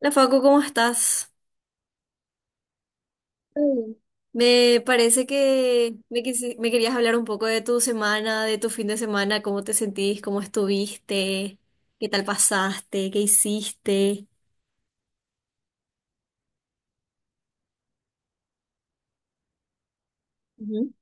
Hola Facu, ¿cómo estás? Mm. Me parece que me querías hablar un poco de tu semana, de tu fin de semana, cómo te sentís, cómo estuviste, qué tal pasaste, qué hiciste. Ujú.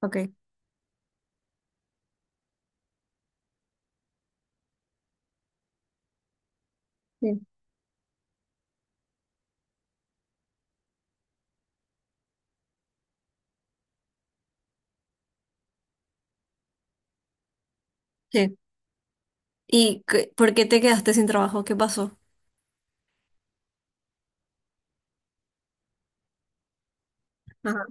Ok. Sí. Sí. ¿ Por qué te quedaste sin trabajo? ¿Qué pasó? Ajá.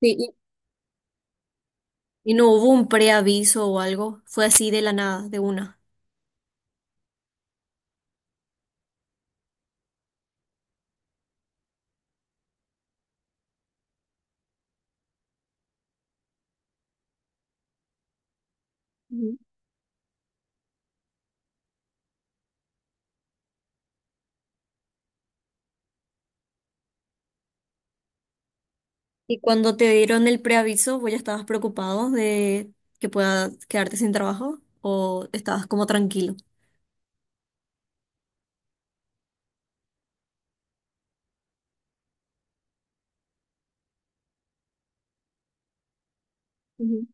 Sí, y ¿no hubo un preaviso o algo? Fue así de la nada, de una. Ujú. ¿Y cuando te dieron el preaviso, vos ya estabas preocupado de que puedas quedarte sin trabajo o estabas como tranquilo? Ujú,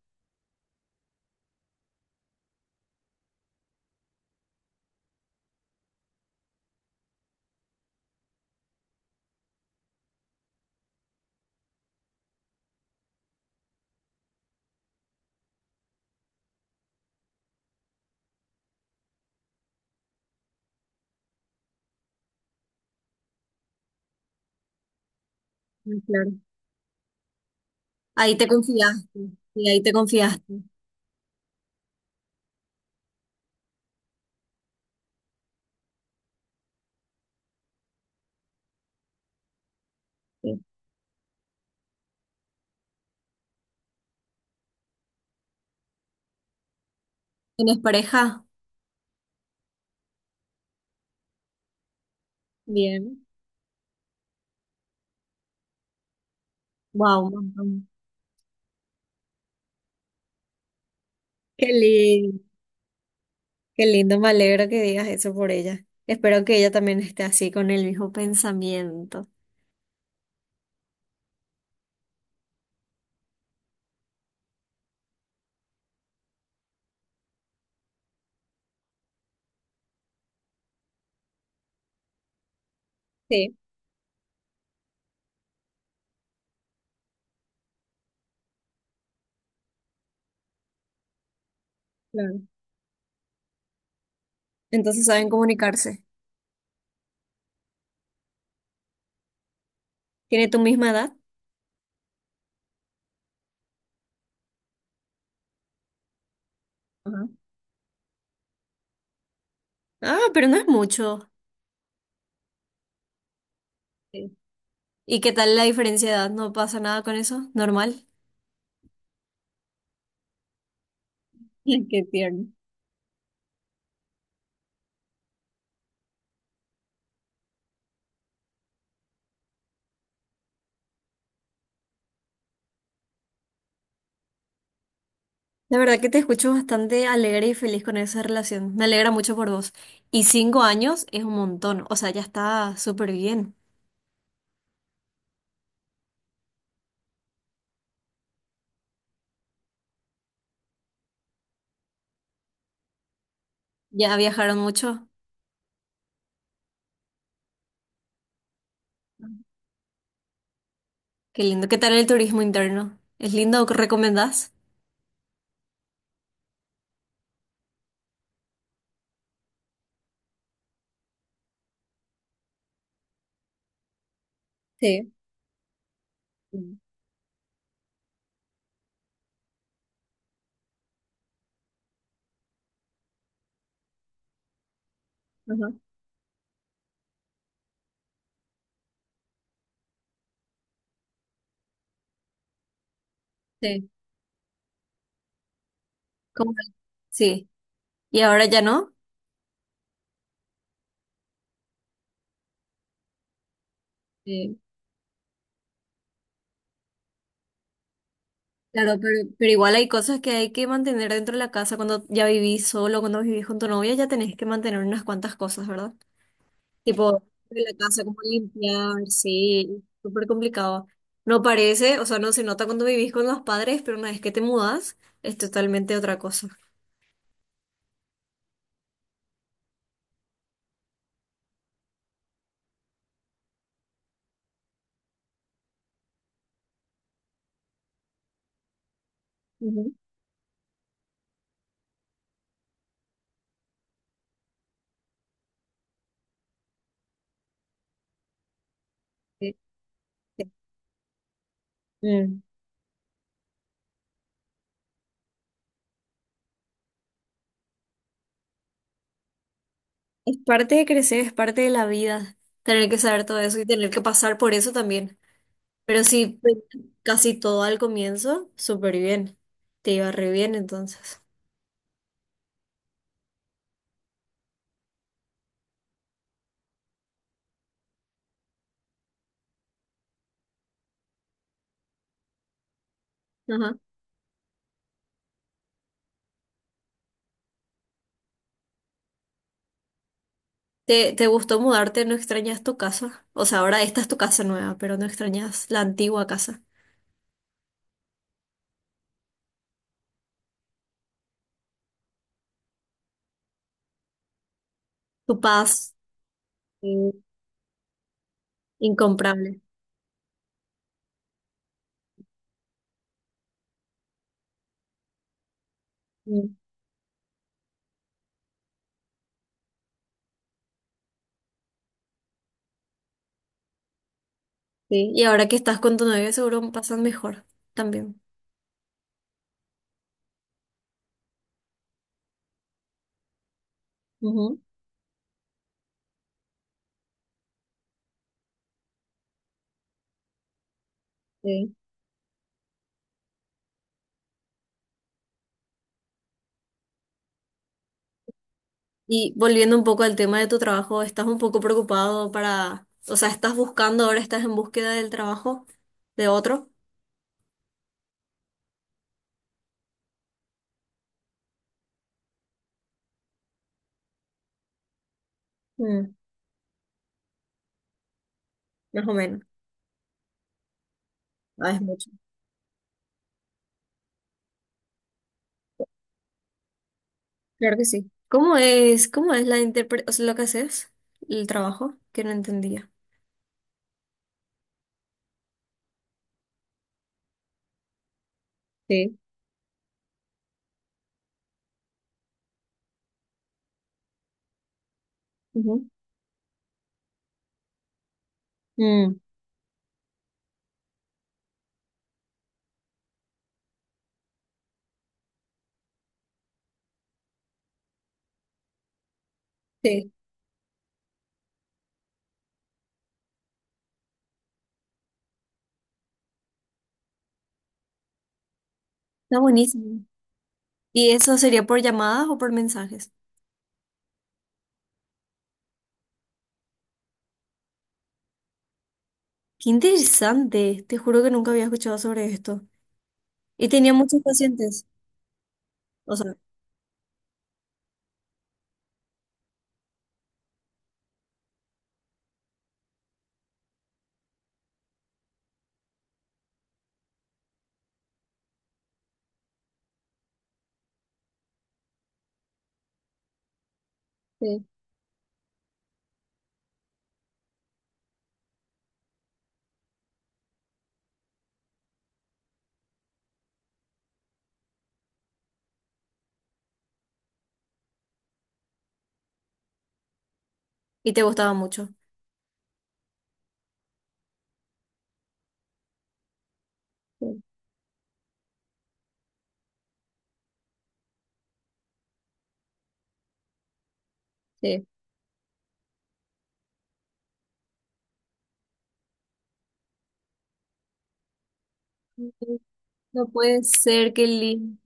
ah, claro. Ahí te confiaste. Y ahí te confiaste. Sí. ¿Tienes pareja? Bien. Wow, qué lindo. Qué lindo, me alegro que digas eso por ella. Espero que ella también esté así con el mismo pensamiento. Sí, claro. Entonces saben comunicarse. ¿Tiene tu misma edad? Ajá. Ah, pero no es mucho. Sí. ¿Y qué tal la diferencia de edad? ¿No pasa nada con eso? ¿Normal? Qué tierno. La verdad que te escucho bastante alegre y feliz con esa relación. Me alegra mucho por vos. Y 5 años es un montón. O sea, ya está súper bien. Ya viajaron mucho. Qué lindo. ¿Qué tal el turismo interno? ¿Es lindo? ¿Recomendás? Sí. Mm. Ajá. Sí. ¿Cómo? Sí. ¿Y ahora ya no? Sí. Claro, pero igual hay cosas que hay que mantener dentro de la casa. Cuando ya vivís solo, cuando vivís con tu novia, ya tenés que mantener unas cuantas cosas, ¿verdad? Tipo, de la casa, como limpiar, sí, súper complicado. No parece, o sea, no se nota cuando vivís con los padres, pero una vez que te mudas, es totalmente otra cosa. Ujú. Sí, sí. Mm. Es parte de crecer, es parte de la vida, tener que saber todo eso y tener que pasar por eso también. Pero sí, pues, casi todo al comienzo, súper bien. Te iba re bien entonces. Ajá. ¿Te, te gustó mudarte? ¿No extrañas tu casa? O sea, ahora esta es tu casa nueva, pero no extrañas la antigua casa. Tu paz. Sí, incomparable. Mm, sí. Y ahora que estás con tu novio, seguro pasan mejor también. Ujú, sí. Y volviendo un poco al tema de tu trabajo, ¿estás un poco preocupado para, o sea, estás buscando, ahora estás en búsqueda del trabajo de otro? Mm, más o menos. Ah, es mucho. Claro que sí. Cómo es la interpre- O sea, ¿lo que haces, el trabajo? Que no entendía. Sí. Ujú. Mm, sí. Está buenísimo. ¿Y eso sería por llamadas o por mensajes? Qué interesante, te juro que nunca había escuchado sobre esto. Y tenía muchos pacientes, o sea, sí, y te gustaba mucho. Sí, sí. No puede ser, qué lindo.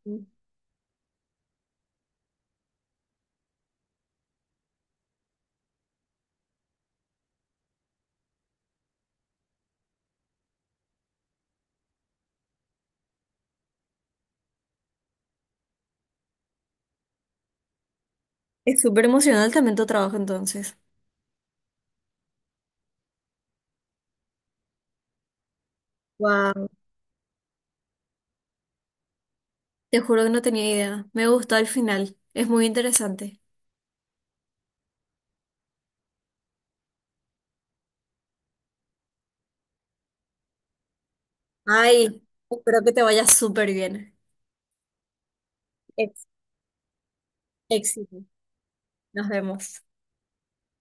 Es súper emocional también tu trabajo entonces. Wow. Te juro que no tenía idea. Me gustó al final, es muy interesante. Ay, espero que te vaya súper bien. ex- Éxito. Nos vemos.